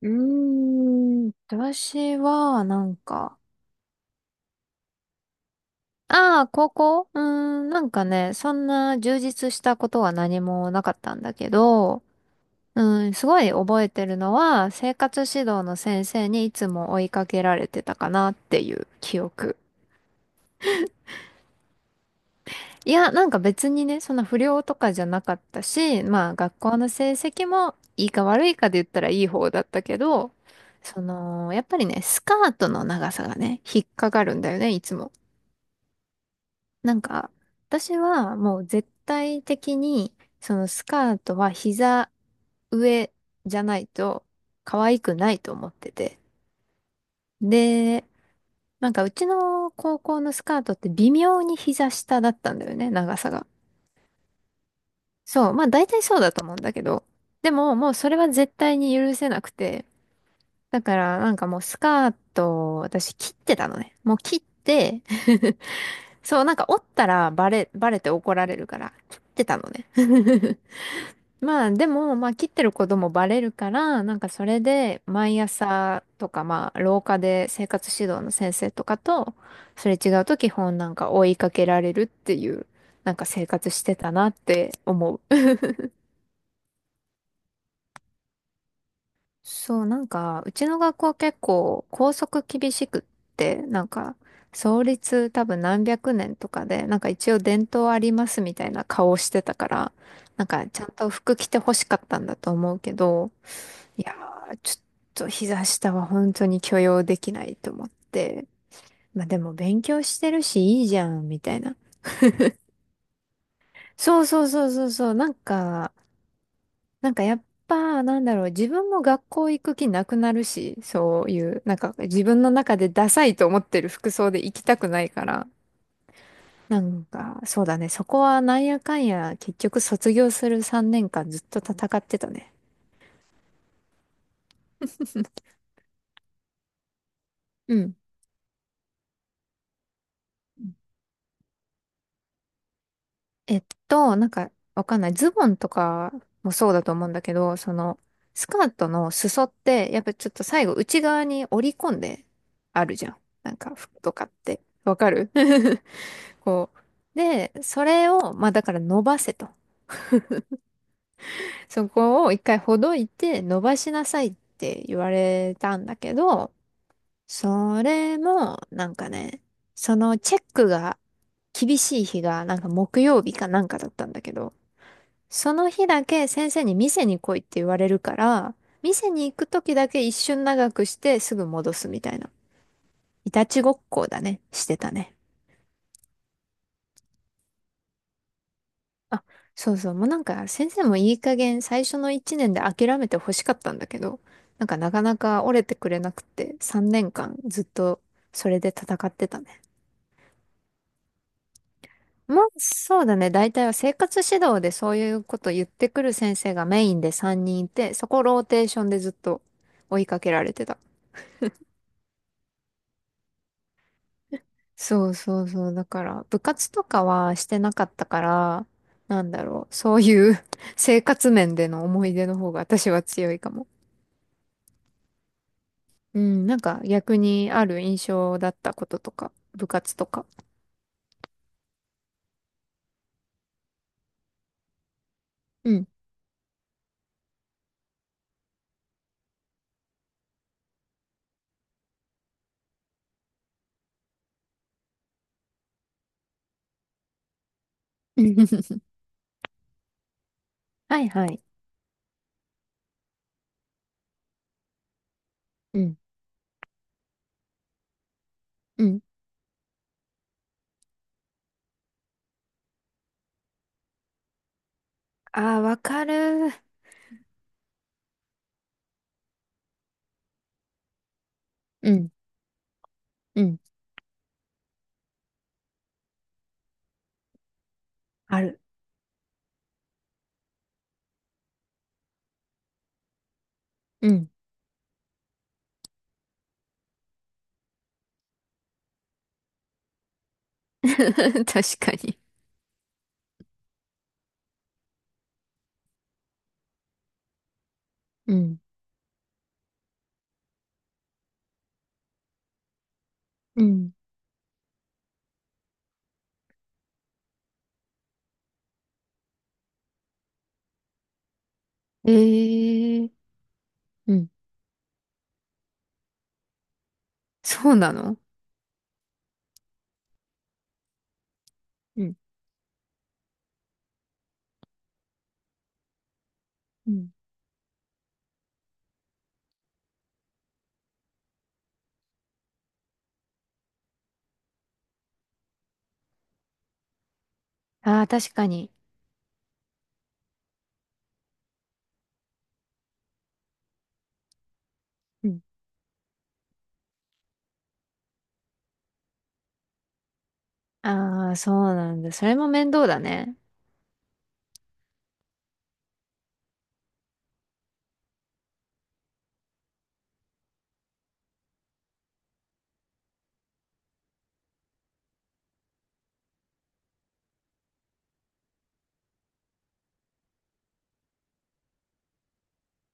うーん、私は、なんか、ああ、高校、そんな充実したことは何もなかったんだけど、うん、すごい覚えてるのは、生活指導の先生にいつも追いかけられてたかなっていう記憶。いや、別にね、そんな不良とかじゃなかったし、まあ学校の成績もいいか悪いかで言ったらいい方だったけど、その、やっぱりね、スカートの長さがね、引っかかるんだよね、いつも。なんか、私はもう絶対的に、そのスカートは膝上じゃないと可愛くないと思ってて。で、うちの高校のスカートって微妙に膝下だったんだよね、長さが。そう、まあ大体そうだと思うんだけど。でももうそれは絶対に許せなくて。だからもうスカートを私切ってたのね。もう切って そう、折ったらバレて怒られるから切ってたのね。まあでも、まあ切ってることもバレるから、それで毎朝とかまあ廊下で生活指導の先生とかと、それ違うと基本追いかけられるっていう、生活してたなって思う。そう、うちの学校結構校則厳しくって、創立多分何百年とかで、一応伝統ありますみたいな顔してたから、ちゃんと服着て欲しかったんだと思うけど、いやちょっと膝下は本当に許容できないと思って。まあでも勉強してるしいいじゃん、みたいな。そうそうそうそうそう。やっぱ、なんだろう、自分も学校行く気なくなるし、そういう、自分の中でダサいと思ってる服装で行きたくないから。そうだね、そこはなんやかんや、結局卒業する3年間ずっと戦ってたね。うん。えっと、わかんない。ズボンとかもそうだと思うんだけど、その、スカートの裾って、やっぱちょっと最後内側に折り込んであるじゃん。服とかって。わかる こう。で、それを、まあだから伸ばせと。そこを一回ほどいて伸ばしなさいって言われたんだけど、それも、そのチェックが厳しい日が、木曜日かなんかだったんだけど、その日だけ先生に店に来いって言われるから、店に行く時だけ一瞬長くしてすぐ戻すみたいな。いたちごっこだね。してたね。あ、そうそう。もう先生もいい加減最初の1年で諦めてほしかったんだけど、なかなか折れてくれなくて3年間ずっとそれで戦ってたね。まあそうだね。大体は生活指導でそういうこと言ってくる先生がメインで3人いて、そこローテーションでずっと追いかけられてた。そうそうそう。だから、部活とかはしてなかったから、なんだろう。そういう 生活面での思い出の方が私は強いかも。うん、逆にある印象だったこととか、部活とか。うん。はいはい。うん。うん。ああ、わかる。うん。うん。ある。うん。確かに。うん。うん。ええー。うん。そうなの。うん。うん。ああ、確かに。ああ、そうなんだ。それも面倒だね。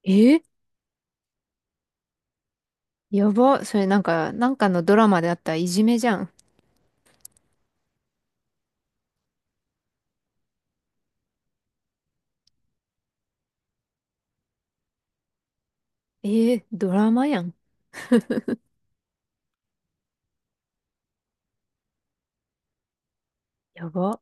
え、やば。それのドラマであったいじめじゃん。えー、ドラマやん。やば。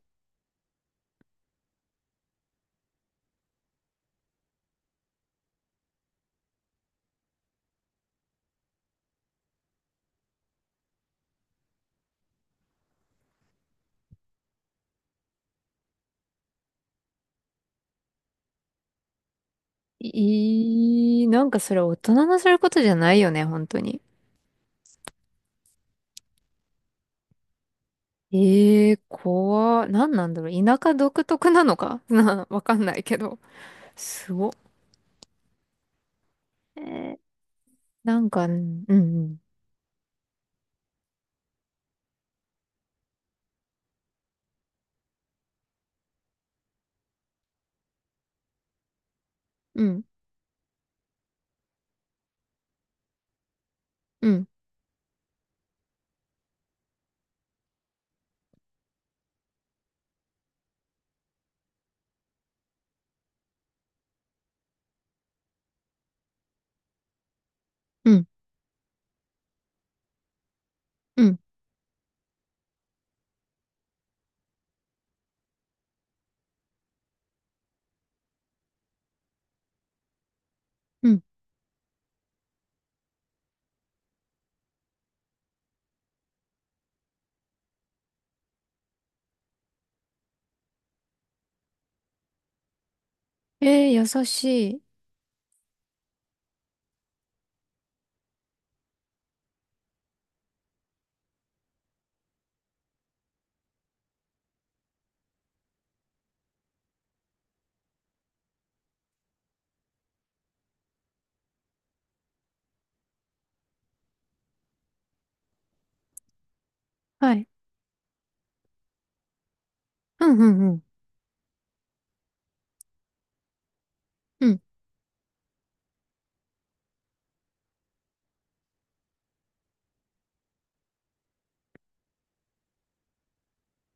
いい、それ大人のすることじゃないよね、本当に。ええー、怖。なんなんだろう。田舎独特なのか な、わかんないけど。すごっ。えー、うん、うん、うん、うん、うん、うん、うん。えー、優しい。はい。うん、うん、うん、うん。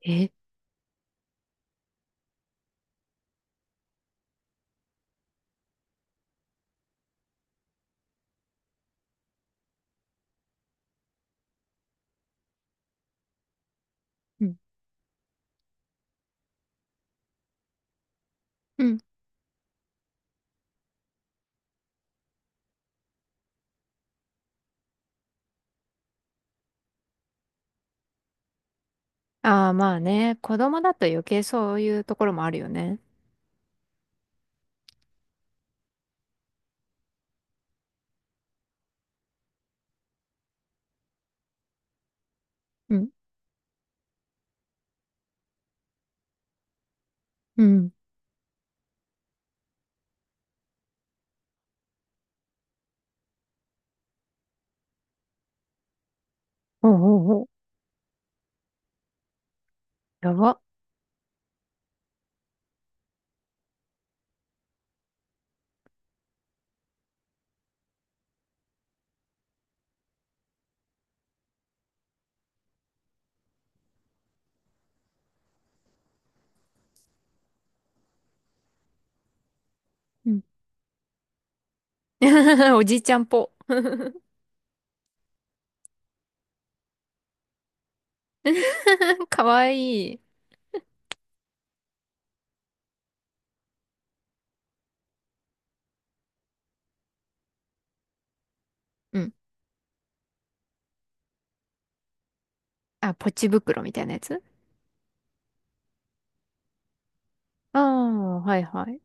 えー、うん、うん、ああ、まあね。子供だと余計そういうところもあるよね。うん。うん。ほうほうほう。やば。うん。おじいちゃんぽ。かわいい。うん。あ、ポチ袋みたいなやつ。ああ、はいはい。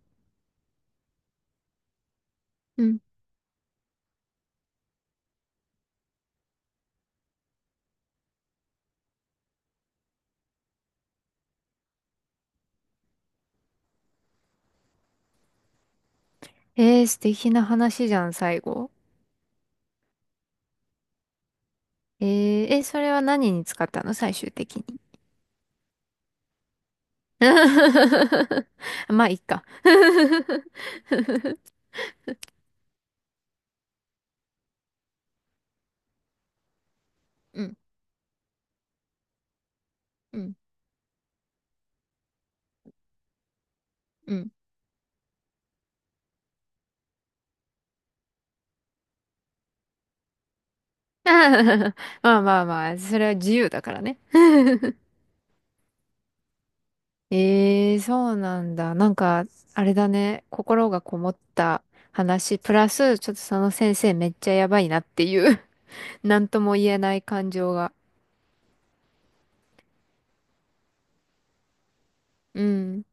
うん。えー、素敵な話じゃん、最後。えー、え、それは何に使ったの最終的に。まあ、いっか。うん、うん、うん。まあまあまあ、それは自由だからね。ええ、そうなんだ。あれだね。心がこもった話、プラス、ちょっとその先生めっちゃやばいなっていう なんとも言えない感情が。うん。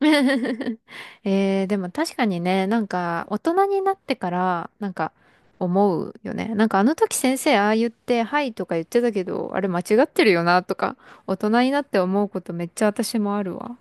えー、でも確かにね、大人になってから、思うよね。あの時先生ああ言って、はいとか言ってたけど、あれ間違ってるよなとか、大人になって思うことめっちゃ私もあるわ。